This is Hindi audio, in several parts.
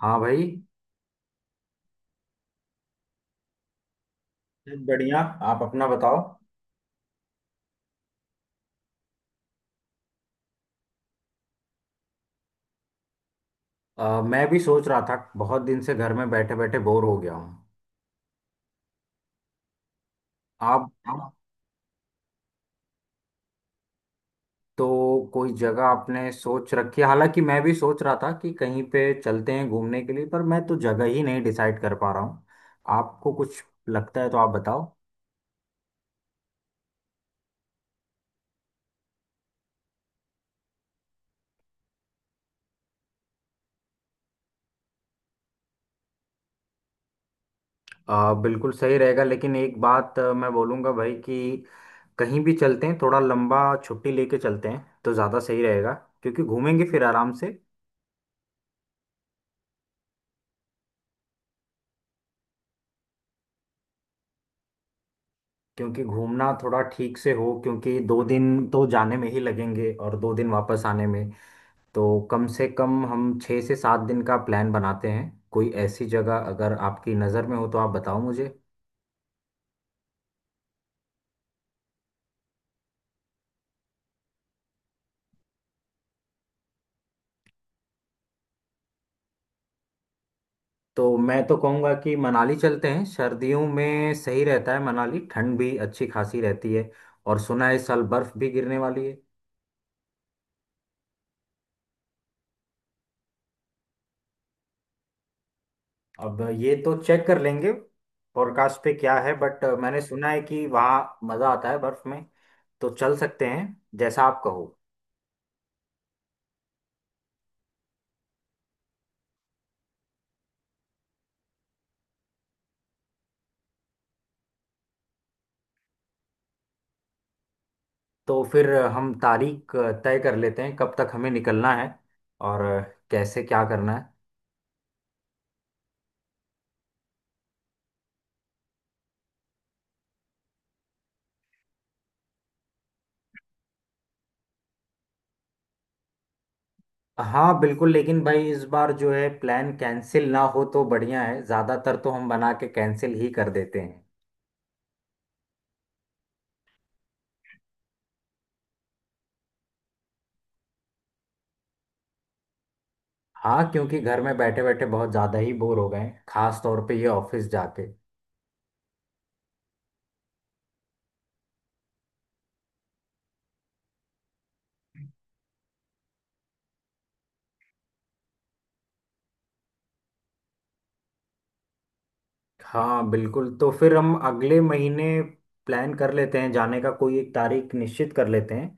हाँ भाई। बढ़िया। आप अपना बताओ। मैं भी सोच रहा था बहुत दिन से घर में बैठे बैठे बोर हो गया हूँ। आप बताओ, तो कोई जगह आपने सोच रखी है। हालांकि मैं भी सोच रहा था कि कहीं पे चलते हैं घूमने के लिए, पर मैं तो जगह ही नहीं डिसाइड कर पा रहा हूँ। आपको कुछ लगता है तो आप बताओ। बिल्कुल सही रहेगा, लेकिन एक बात मैं बोलूँगा भाई कि कहीं भी चलते हैं, थोड़ा लंबा छुट्टी लेके चलते हैं तो ज़्यादा सही रहेगा। क्योंकि घूमेंगे फिर आराम से, क्योंकि घूमना थोड़ा ठीक से हो। क्योंकि दो दिन तो जाने में ही लगेंगे और दो दिन वापस आने में, तो कम से कम हम छः से सात दिन का प्लान बनाते हैं। कोई ऐसी जगह अगर आपकी नज़र में हो तो आप बताओ मुझे। तो मैं तो कहूँगा कि मनाली चलते हैं। सर्दियों में सही रहता है मनाली, ठंड भी अच्छी खासी रहती है। और सुना है इस साल बर्फ़ भी गिरने वाली है। अब ये तो चेक कर लेंगे फोरकास्ट पे क्या है, बट मैंने सुना है कि वहाँ मज़ा आता है बर्फ़ में। तो चल सकते हैं, जैसा आप कहो। तो फिर हम तारीख तय कर लेते हैं कब तक हमें निकलना है, और कैसे क्या करना है। हाँ बिल्कुल, लेकिन भाई इस बार जो है प्लान कैंसिल ना हो तो बढ़िया है। ज़्यादातर तो हम बना के कैंसिल ही कर देते हैं। हाँ, क्योंकि घर में बैठे बैठे बहुत ज़्यादा ही बोर हो गए हैं, खास तौर पे ये ऑफिस जाके। हाँ बिल्कुल, तो फिर हम अगले महीने प्लान कर लेते हैं जाने का। कोई एक तारीख निश्चित कर लेते हैं,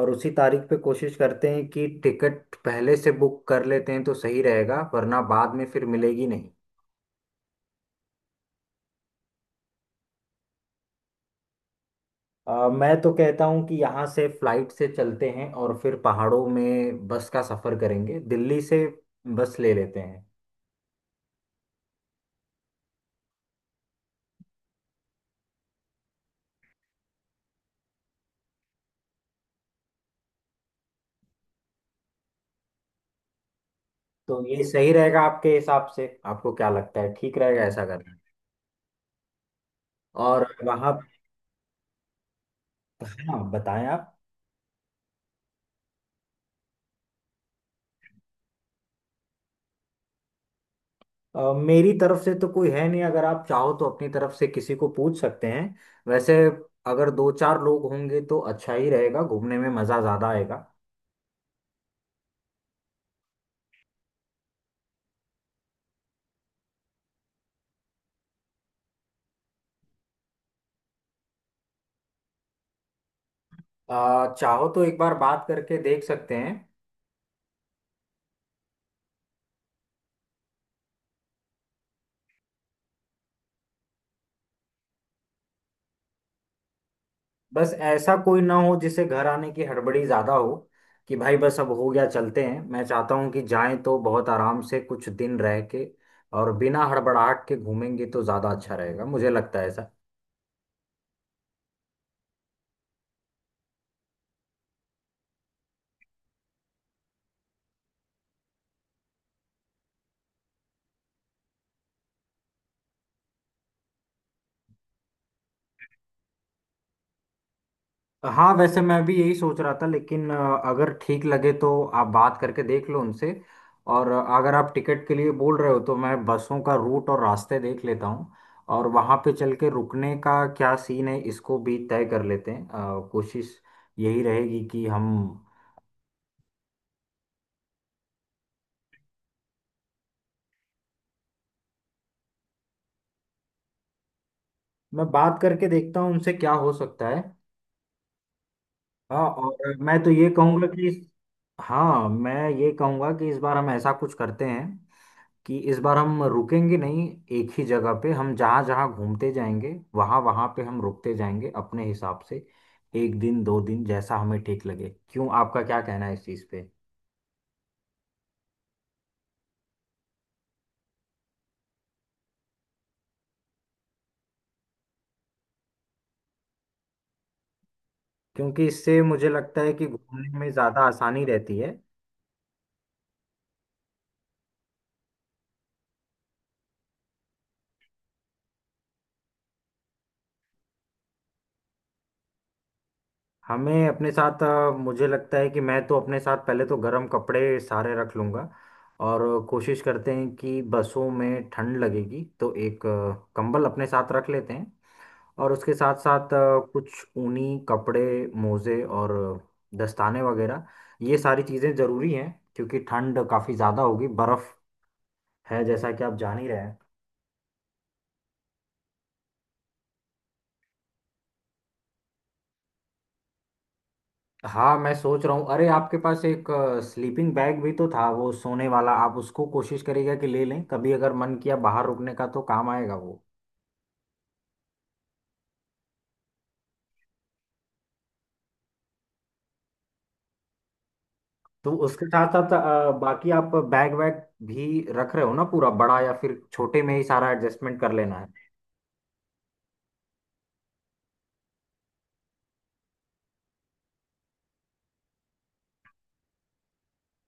और उसी तारीख पे कोशिश करते हैं कि टिकट पहले से बुक कर लेते हैं तो सही रहेगा, वरना बाद में फिर मिलेगी नहीं। मैं तो कहता हूँ कि यहाँ से फ्लाइट से चलते हैं और फिर पहाड़ों में बस का सफ़र करेंगे। दिल्ली से बस ले लेते हैं। तो ये सही रहेगा आपके हिसाब से? आपको क्या लगता है, ठीक रहेगा ऐसा करना? और वहाँ, हाँ बताएं आप। मेरी तरफ से तो कोई है नहीं, अगर आप चाहो तो अपनी तरफ से किसी को पूछ सकते हैं। वैसे अगर दो चार लोग होंगे तो अच्छा ही रहेगा, घूमने में मज़ा ज़्यादा आएगा। चाहो तो एक बार बात करके देख सकते हैं। बस ऐसा कोई ना हो जिसे घर आने की हड़बड़ी ज़्यादा हो, कि भाई बस अब हो गया चलते हैं। मैं चाहता हूँ कि जाएं तो बहुत आराम से कुछ दिन रह के, और बिना हड़बड़ाहट के घूमेंगे तो ज़्यादा अच्छा रहेगा, मुझे लगता है ऐसा। हाँ, वैसे मैं भी यही सोच रहा था, लेकिन अगर ठीक लगे तो आप बात करके देख लो उनसे। और अगर आप टिकट के लिए बोल रहे हो तो मैं बसों का रूट और रास्ते देख लेता हूँ। और वहाँ पे चल के रुकने का क्या सीन है इसको भी तय कर लेते हैं। कोशिश यही रहेगी कि हम, मैं बात करके देखता हूँ उनसे क्या हो सकता है। हाँ, और मैं तो ये कहूँगा कि, हाँ मैं ये कहूँगा कि इस बार हम ऐसा कुछ करते हैं कि इस बार हम रुकेंगे नहीं एक ही जगह पे। हम जहाँ जहाँ घूमते जाएंगे वहाँ वहाँ पे हम रुकते जाएंगे अपने हिसाब से, एक दिन दो दिन जैसा हमें ठीक लगे। क्यों, आपका क्या कहना है इस चीज़ पे? क्योंकि इससे मुझे लगता है कि घूमने में ज़्यादा आसानी रहती है। हमें अपने साथ मुझे लगता है कि मैं तो अपने साथ पहले तो गर्म कपड़े सारे रख लूँगा। और कोशिश करते हैं कि बसों में ठंड लगेगी तो एक कंबल अपने साथ रख लेते हैं। और उसके साथ साथ कुछ ऊनी कपड़े, मोजे और दस्ताने वगैरह, ये सारी चीज़ें ज़रूरी हैं। क्योंकि ठंड काफ़ी ज़्यादा होगी, बर्फ़ है, जैसा कि आप जान ही रहे हैं। हाँ मैं सोच रहा हूँ। अरे, आपके पास एक स्लीपिंग बैग भी तो था वो सोने वाला, आप उसको कोशिश करिएगा कि ले लें। कभी अगर मन किया बाहर रुकने का तो काम आएगा वो। तो उसके साथ साथ बाकी आप बैग वैग भी रख रहे हो ना पूरा बड़ा, या फिर छोटे में ही सारा एडजस्टमेंट कर लेना है?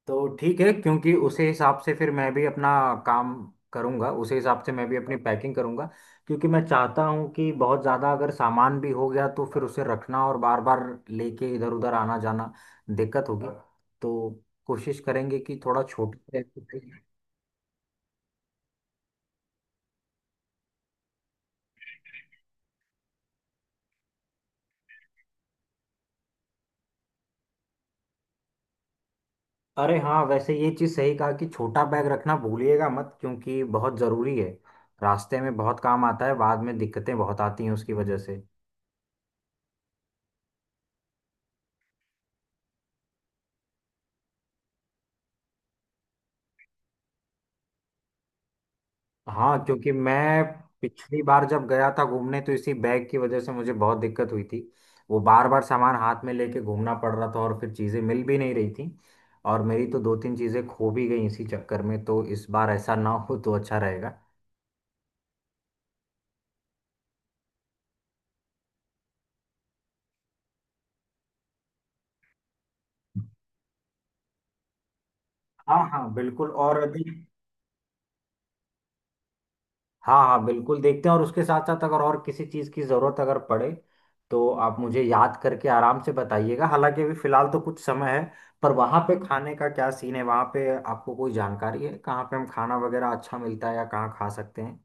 तो ठीक है, क्योंकि उसी हिसाब से फिर मैं भी अपना काम करूंगा, उसी हिसाब से मैं भी अपनी पैकिंग करूंगा। क्योंकि मैं चाहता हूं कि बहुत ज़्यादा अगर सामान भी हो गया तो फिर उसे रखना और बार बार लेके इधर उधर आना जाना दिक्कत होगी। तो कोशिश करेंगे कि थोड़ा छोटा बैग। अरे हाँ, वैसे ये चीज़ सही कहा कि छोटा बैग रखना भूलिएगा मत, क्योंकि बहुत ज़रूरी है। रास्ते में बहुत काम आता है, बाद में दिक्कतें बहुत आती हैं उसकी वजह से। हाँ, क्योंकि मैं पिछली बार जब गया था घूमने तो इसी बैग की वजह से मुझे बहुत दिक्कत हुई थी। वो बार बार सामान हाथ में लेके घूमना पड़ रहा था, और फिर चीज़ें मिल भी नहीं रही थी। और मेरी तो दो तीन चीज़ें खो भी गई इसी चक्कर में, तो इस बार ऐसा ना हो तो अच्छा रहेगा। हाँ हाँ बिल्कुल, और अभी। हाँ हाँ बिल्कुल, देखते हैं। और उसके साथ साथ अगर और किसी चीज़ की ज़रूरत अगर पड़े तो आप मुझे याद करके आराम से बताइएगा। हालांकि अभी फ़िलहाल तो कुछ समय है। पर वहाँ पे खाने का क्या सीन है, वहाँ पे आपको कोई जानकारी है कहाँ पे हम खाना वगैरह अच्छा मिलता है या कहाँ खा सकते हैं?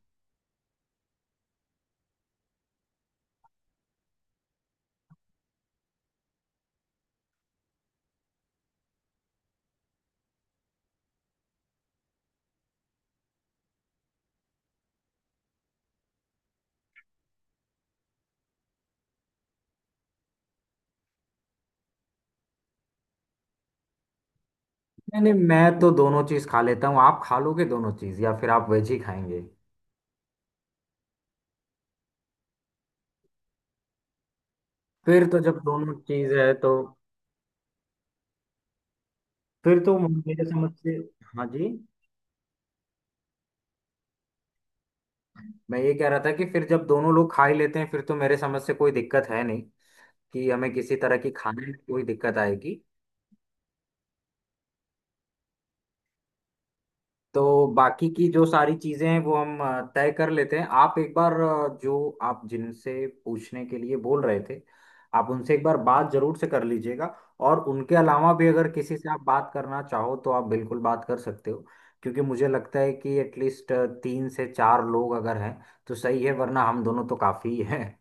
नहीं नहीं, मैं तो दोनों चीज़ खा लेता हूँ। आप खा लोगे दोनों चीज़ या फिर आप वेज ही खाएंगे? फिर तो जब दोनों चीज़ है तो, फिर तो मेरे समझ से। हाँ जी। मैं ये कह रहा था कि फिर जब दोनों लोग खा ही लेते हैं, फिर तो मेरे समझ से कोई दिक्कत है नहीं कि हमें किसी तरह की खाने में कोई दिक्कत आएगी। तो बाकी की जो सारी चीजें हैं वो हम तय कर लेते हैं। आप एक बार जो आप जिनसे पूछने के लिए बोल रहे थे, आप उनसे एक बार बात जरूर से कर लीजिएगा। और उनके अलावा भी अगर किसी से आप बात करना चाहो तो आप बिल्कुल बात कर सकते हो। क्योंकि मुझे लगता है कि एटलीस्ट तीन से चार लोग अगर हैं तो सही है, वरना हम दोनों तो काफी ही हैं।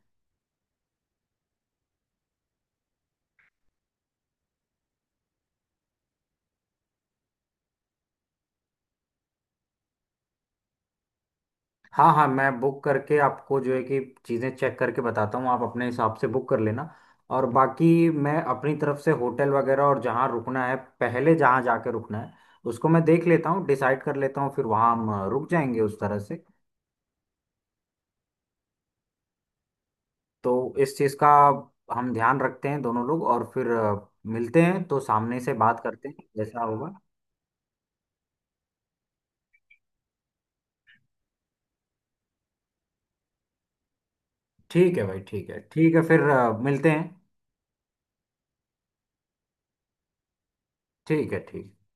हाँ हाँ, मैं बुक करके आपको जो है कि चीज़ें चेक करके बताता हूँ, आप अपने हिसाब से बुक कर लेना। और बाकी मैं अपनी तरफ से होटल वगैरह और जहाँ रुकना है, पहले जहाँ जाके रुकना है उसको मैं देख लेता हूँ, डिसाइड कर लेता हूँ। फिर वहाँ हम रुक जाएंगे उस तरह से। तो इस चीज़ का हम ध्यान रखते हैं दोनों लोग। और फिर मिलते हैं तो सामने से बात करते हैं जैसा होगा। ठीक है भाई, ठीक है ठीक है। फिर मिलते हैं। ठीक है, ठीक है।